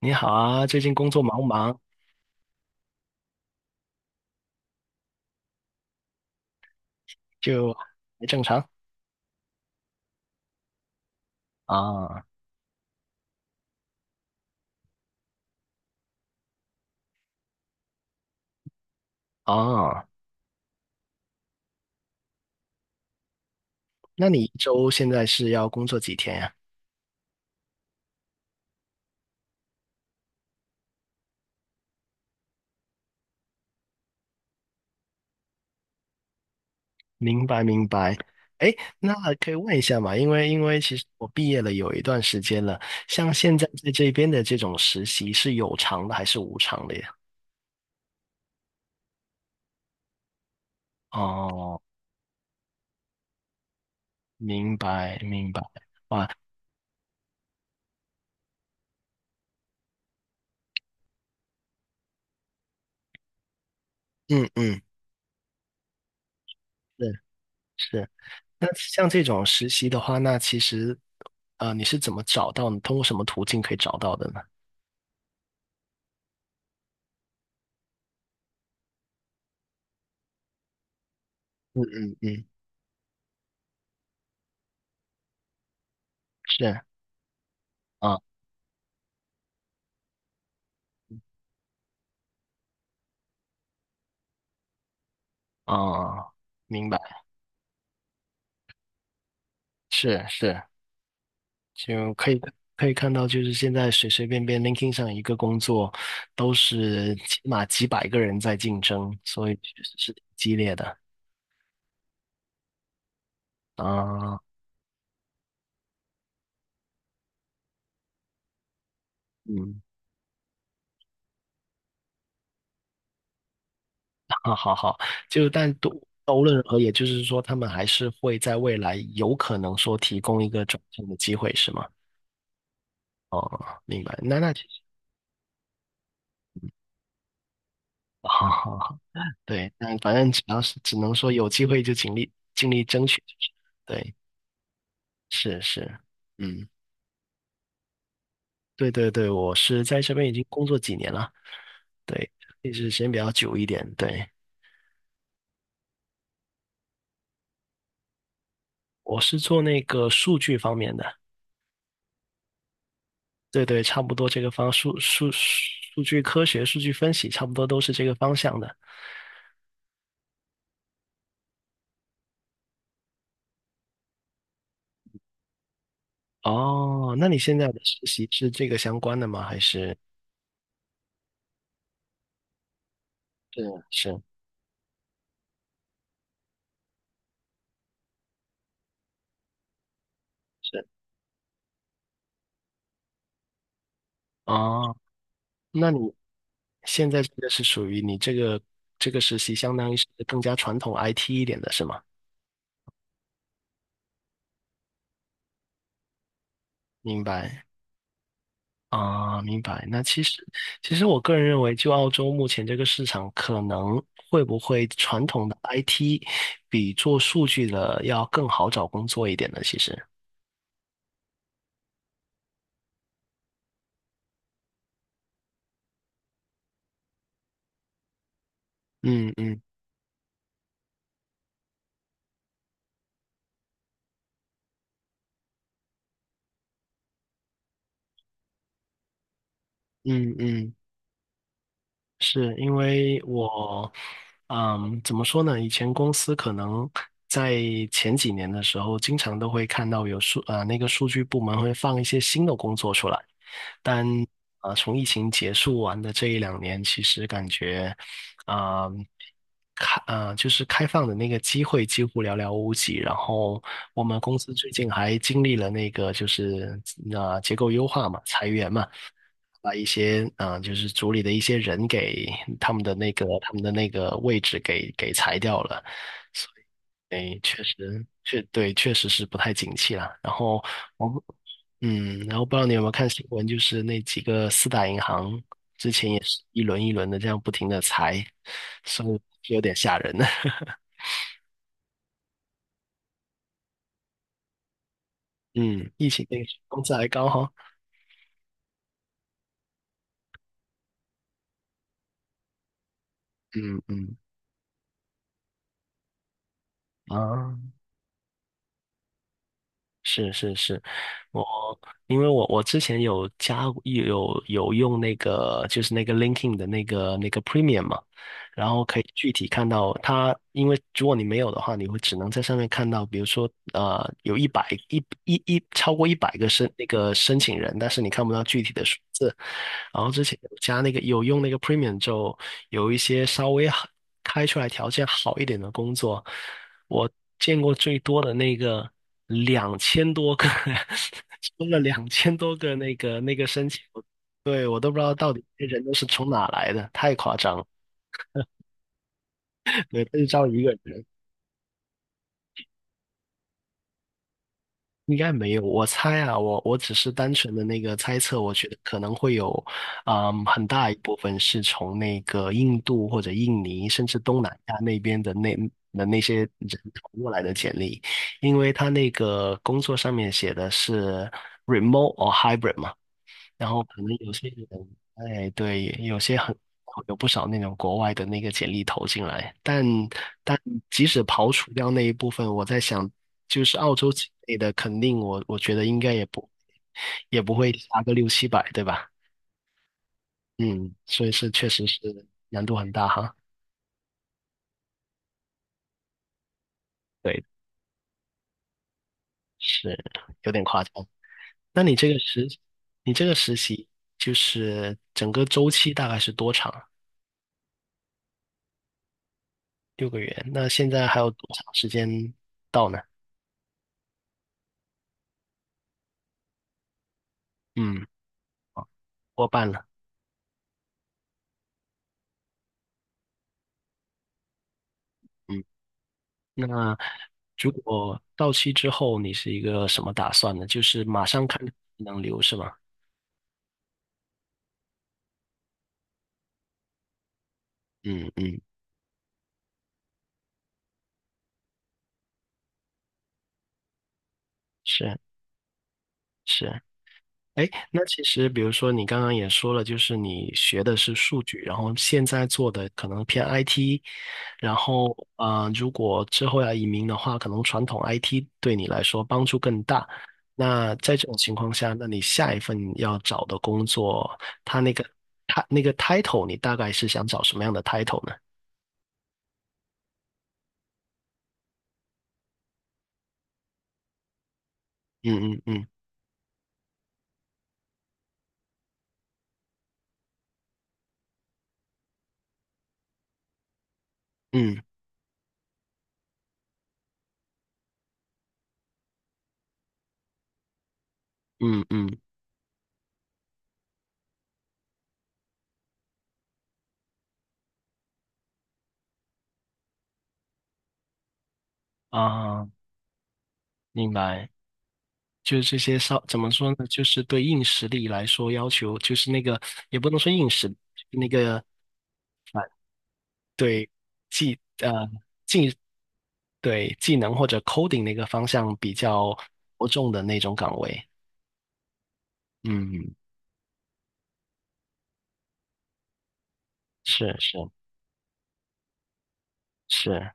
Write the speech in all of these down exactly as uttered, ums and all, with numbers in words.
你好啊，最近工作忙不忙？就还正常啊啊，那你一周现在是要工作几天呀？明白明白。哎，那可以问一下嘛？因为因为其实我毕业了有一段时间了，像现在在这边的这种实习是有偿的还是无偿的呀？哦，明白明白。哇，嗯嗯，是是。那像这种实习的话，那其实呃你是怎么找到？你通过什么途径可以找到的呢？嗯嗯，是。啊啊，明白，是是，就可以可以看到，就是现在随随便便 l i n k i n g 上一个工作，都是起码几百个人在竞争，所以确实是挺激烈的啊。嗯，好好好，就但都都无论如何，也就是说，他们还是会在未来有可能说提供一个转正的机会，是吗？哦，明白。那那其实，好好好，对，但反正只要是只能说有机会就尽力尽力争取，就是对。是是，嗯，对对对，我是在这边已经工作几年了，对，一直时间比较久一点，对，我是做那个数据方面的，对对，差不多这个方数数数据科学、数据分析，差不多都是这个方向的。哦，那你现在的实习是这个相关的吗？还是是是是哦，那你现在这个是属于你这个这个实习，相当于是更加传统 I T 一点的是吗？明白。啊，明白。那其实，其实我个人认为，就澳洲目前这个市场，可能会不会传统的 I T 比做数据的要更好找工作一点呢？其实，嗯嗯嗯嗯，是因为我，嗯，怎么说呢？以前公司可能在前几年的时候，经常都会看到有数，呃，那个数据部门会放一些新的工作出来。但啊、呃从疫情结束完的这一两年，其实感觉啊、开啊，就是开放的那个机会几乎寥寥无几。然后我们公司最近还经历了那个就是呃、结构优化嘛，裁员嘛。把一些啊，呃就是组里的一些人给他们的那个他们的那个位置给给裁掉了，哎，确实，确对，确实是不太景气啦。然后我不，嗯，然后不知道你有没有看新闻，就是那几个四大银行之前也是一轮一轮的这样不停的裁，所以有点吓人。嗯，疫情那个时候工资还高哈。嗯嗯啊，是是是，我因为我我之前有加有有用那个就是那个 LinkedIn 的那个那个 Premium 嘛，然后可以具体看到它，因为如果你没有的话，你会只能在上面看到，比如说呃有一百一一一超过一百个申那个申请人，但是你看不到具体的数字，然后之前有加那个有用那个 Premium 之后，有一些稍微好开出来条件好一点的工作，我见过最多的那个两千多个，收了两千多个那个那个申请，对，我都不知道到底这些人都是从哪来的，太夸张了，对，他就招一个人。应该没有，我猜啊，我我只是单纯的那个猜测，我觉得可能会有，嗯，很大一部分是从那个印度或者印尼，甚至东南亚那边的那的那些人投过来的简历，因为他那个工作上面写的是 remote or hybrid 嘛。然后可能有些人，哎，对，有些很有不少那种国外的那个简历投进来，但但即使刨除掉那一部分，我在想，就是澳洲境内的，肯定我我觉得应该也不也不会差个六七百，对吧？嗯，所以是确实是难度很大哈，对，是有点夸张。那你这个实，你这个实习就是整个周期大概是多长？六个月，那现在还有多长时间到呢？嗯。过半了，嗯，那如果到期之后，你是一个什么打算呢？就是马上看能留是吗？嗯嗯，是是，哎，那其实比如说你刚刚也说了，就是你学的是数据，然后现在做的可能偏 I T，然后呃，如果之后要移民的话，可能传统 I T 对你来说帮助更大。那在这种情况下，那你下一份要找的工作，它那个它那个 title，你大概是想找什么样的 title 呢？嗯嗯嗯嗯嗯嗯啊，明白。就是这些稍怎么说呢？就是对硬实力来说要求，就是那个也不能说硬实力，那个啊，对技呃对技能或者 coding 那个方向比较着重的那种岗位。嗯，是是是。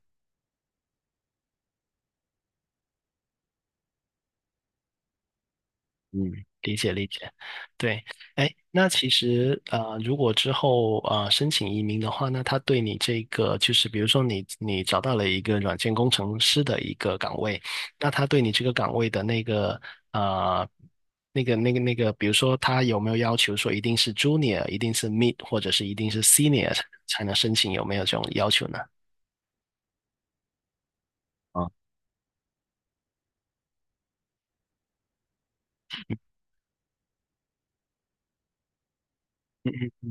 嗯，理解理解，对，哎，那其实呃，如果之后呃申请移民的话，那他对你这个就是，比如说你你找到了一个软件工程师的一个岗位，那他对你这个岗位的那个呃那个那个那个，比如说他有没有要求说一定是 junior，一定是 mid，或者是一定是 senior 才才能申请，有没有这种要求呢？啊，嗯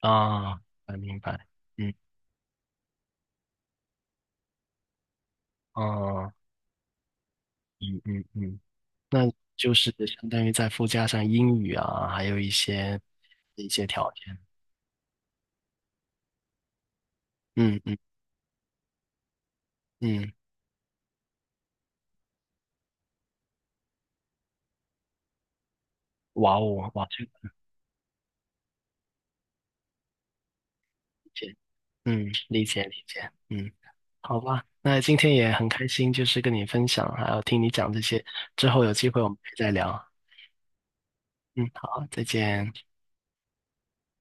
嗯啊，明白，嗯，哦，嗯嗯嗯。那就是相当于再附加上英语啊，还有一些一些条件。嗯嗯嗯，哇哦，哇，这个理解，嗯，理解理解，嗯，好吧，那今天也很开心，就是跟你分享，还有听你讲这些，之后有机会我们可以再聊。嗯，好，再见。